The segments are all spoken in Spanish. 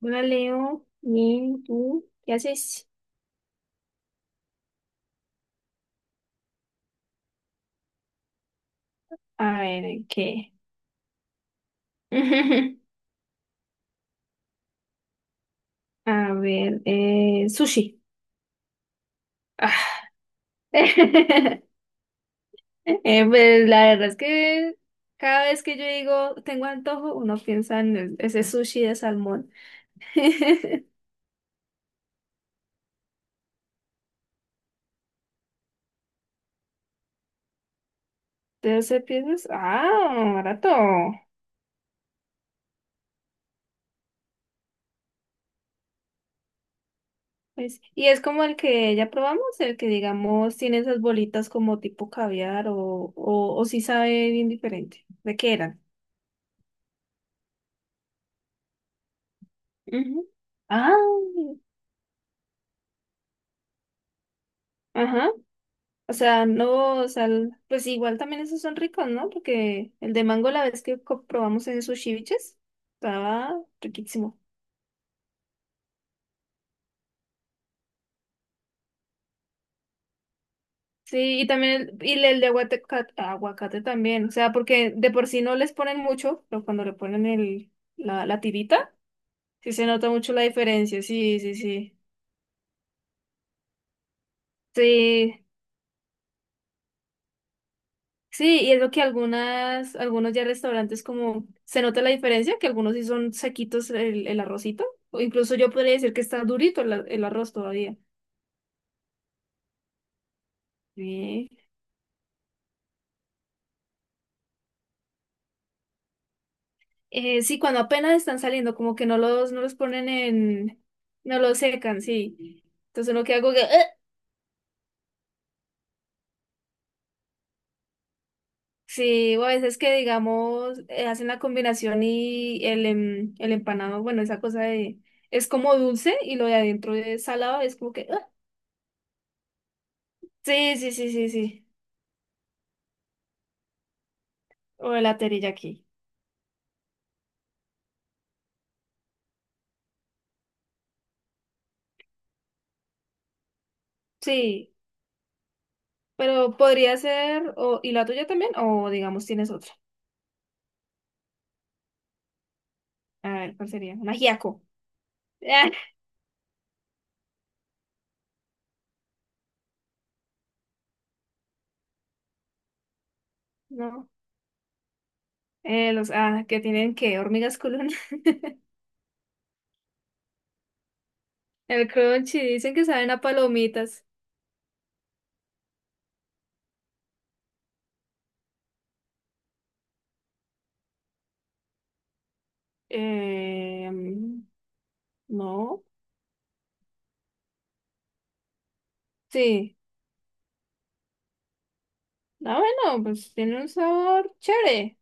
Hola Leo, bien, ¿tú qué haces? A ver, ¿qué? A ver, sushi. Ah. Pues la verdad es que cada vez que yo digo tengo antojo, uno piensa en ese sushi de salmón. Entonces piensas, ah, barato. Pues, y es como el que ya probamos, el que digamos tiene esas bolitas como tipo caviar o sí sabe bien diferente. ¿De qué eran? Ujú. Ah. Ajá, o sea, no, o sea, pues igual también esos son ricos, ¿no? Porque el de mango la vez que probamos en sus ceviches estaba riquísimo. Sí, y también y el de aguacate, aguacate también, o sea, porque de por sí no les ponen mucho, pero cuando le ponen la tirita, sí se nota mucho la diferencia, sí, sí, sí. Sí. Sí, y es lo que algunas, algunos ya restaurantes como se nota la diferencia, que algunos sí son sequitos el arrocito, o incluso yo podría decir que está durito el arroz todavía. Sí. Sí, cuando apenas están saliendo, como que no los ponen en, no los secan, sí. Entonces uno queda como que, "Ugh". Sí, o a veces que digamos, hacen la combinación y el empanado, bueno, esa cosa de, es como dulce y lo de adentro es salado, es como que, "Ugh". Sí, sí, sí, sí, sí. O el terilla aquí. Sí, pero podría ser. O, ¿y la tuya también? O digamos, tienes otra. A ver, ¿cuál sería? Un ajiaco. Ah, no. Que tienen que hormigas culonas. El crunchy, dicen que saben a palomitas. Eh, no, sí. Ah, bueno, pues tiene un sabor chévere.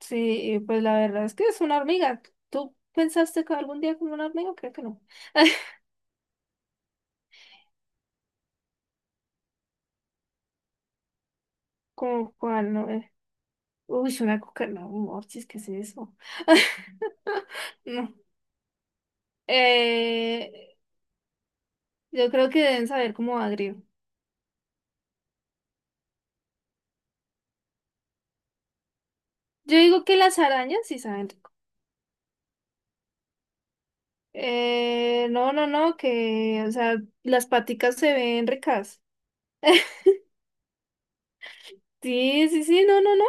Sí, pues la verdad es que es una hormiga. ¿Tú pensaste que algún día como una hormiga? Creo que no. Como cuál, no. Uy, una coca, no, Morchis, ¿qué es eso? No. Eh, yo creo que deben saber como agrio. Yo digo que las arañas sí saben rico. No, no, no, o sea, las paticas se ven ricas. Sí, sí, sí, no, no, no.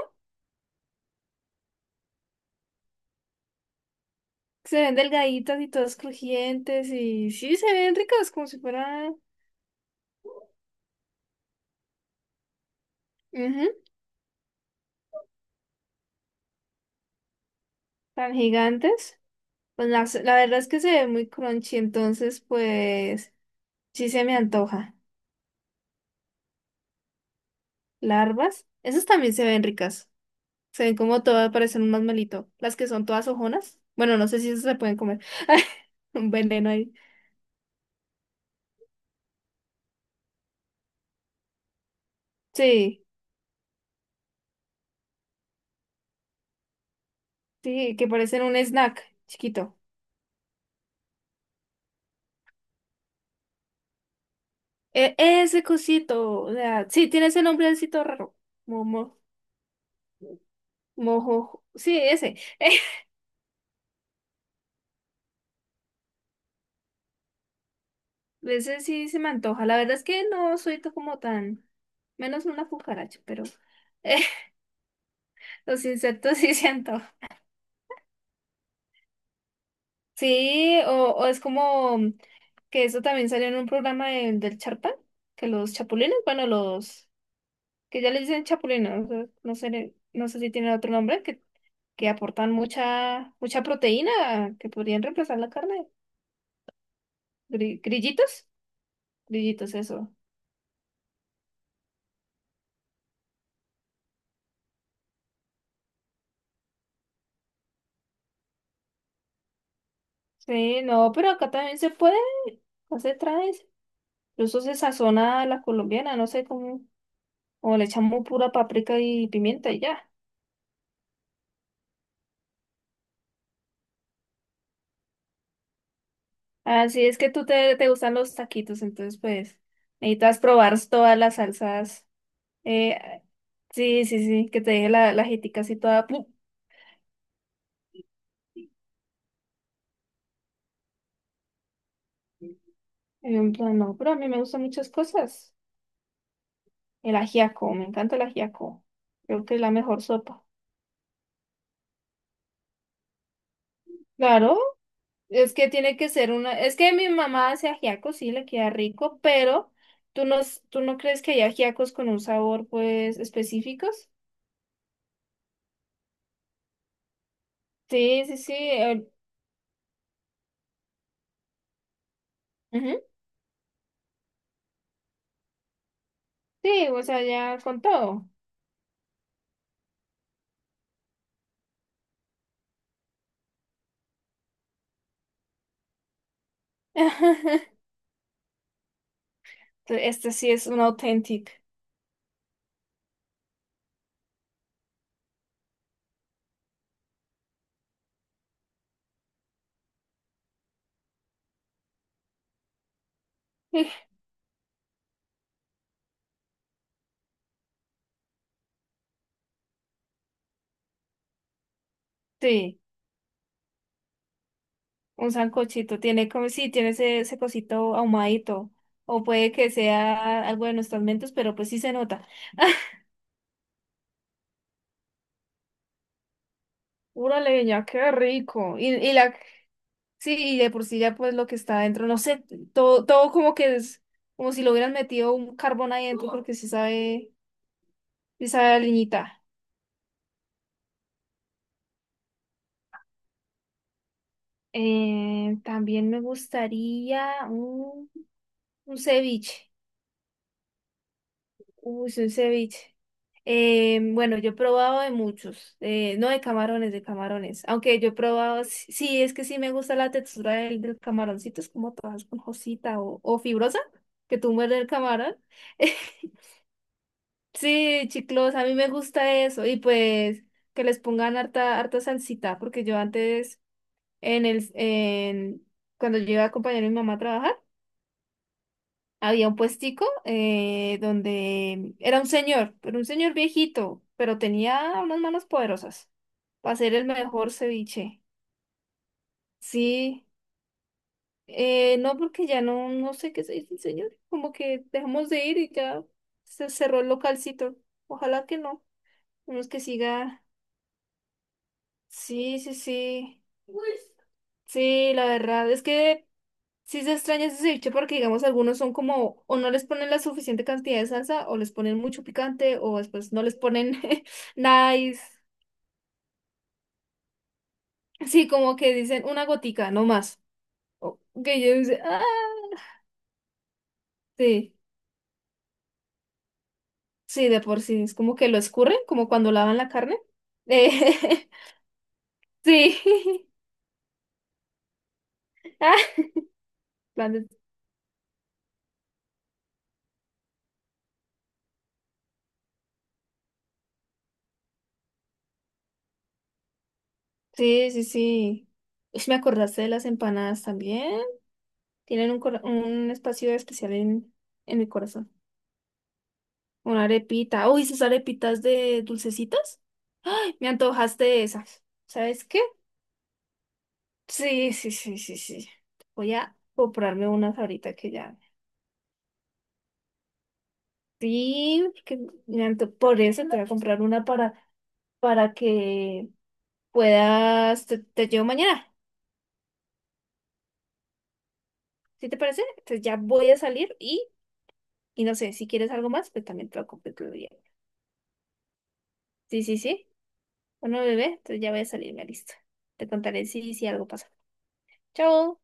Se ven delgaditas y todas crujientes y sí, se ven ricas como si fueran ujú, tan gigantes. Pues la verdad es que se ve muy crunchy, entonces pues sí se me antoja. Larvas, esas también se ven ricas. Se ven como todas, parecen un masmelito. Las que son todas ojonas. Bueno, no sé si esas se pueden comer. Un veneno ahí. Sí, sí, que parecen un snack chiquito. Ese cosito, o sea, sí, tiene ese nombrecito raro. Momo, mojo, sí, ese. Ese sí se me antoja. La verdad es que no soy como tan, menos una cucaracha, pero los insectos sí siento. Sí, o es como que eso también salió en un programa del Charpa, que los chapulines, bueno, los que ya le dicen chapulines, o sea, no sé, no sé si tienen otro nombre, que aportan mucha, mucha proteína, que podrían reemplazar la carne. Grillitos, grillitos, eso. Sí, no, pero acá también se puede, no se trae, incluso se sazona a la colombiana, no sé cómo, o le echamos pura paprika y pimienta y ya. Así es que tú te gustan los taquitos, entonces pues necesitas probar todas las salsas. Eh, sí, sí, sí, que te deje la ajítica así toda. ¡Pum! Y yo en plan, no, pero a mí me gustan muchas cosas. El ajiaco, me encanta el ajiaco. Creo que es la mejor sopa. Claro, es que tiene que ser una. Es que mi mamá hace ajiaco, sí, le queda rico, pero ¿tú no, tú no crees que hay ajiacos con un sabor pues específicos? Sí, sí, sí. Ujú. Sí, o sea, ya con todo. Este sí es un auténtico. Sí, un sancochito. Tiene como, sí, tiene ese, ese cosito ahumadito. O puede que sea algo de nuestros mentos, pero pues sí se nota. Pura leña, qué rico. Sí, y de por sí ya pues lo que está adentro, no sé, todo, todo como que es, como si lo hubieran metido un carbón ahí adentro, porque sí sabe a leñita. También me gustaría un ceviche. Uy, un ceviche. Bueno, yo he probado de muchos, no de camarones, de camarones. Aunque yo he probado, sí, sí, es que sí me gusta la textura del camaroncito, es como toda esponjosita o fibrosa, que tú muerdes el camarón. Sí, chiclos, a mí me gusta eso. Y pues que les pongan harta, harta salsita, porque yo antes, en el, en, cuando yo iba a acompañar a mi mamá a trabajar, había un puestico donde era un señor, pero un señor viejito, pero tenía unas manos poderosas para hacer el mejor ceviche. Sí, no porque ya no, no sé qué se dice el señor, como que dejamos de ir y ya se cerró el localcito. Ojalá que no, uno es que siga. Sí, sí, sí, sí, la verdad es que sí se extraña ese ceviche porque, digamos, algunos son como, o no les ponen la suficiente cantidad de salsa, o les ponen mucho picante, o después no les ponen nada. Sí, como que dicen una gotica, no más. O- Que yo dice, ah, sí, sí, de por sí. Es como que lo escurren, como cuando lavan la carne. Eh, sí. Ah, plan de- Sí, sí, sí. Ush, me acordaste de las empanadas también. Tienen un, un espacio especial en mi corazón. Una arepita. Uy, esas arepitas de dulcecitas. Me antojaste de esas. ¿Sabes qué? Sí, sí, sí, sí, sí. Voy a comprarme unas ahorita que ya. Sí, porque por eso te voy a comprar una para que puedas, te llevo mañana. ¿Sí te parece? Entonces ya voy a salir y no sé, si quieres algo más, pues también te lo compro otro día. Sí, sí, sí. Bueno, bebé, entonces ya voy a salir, me listo. Te contaré si algo pasa. Chao.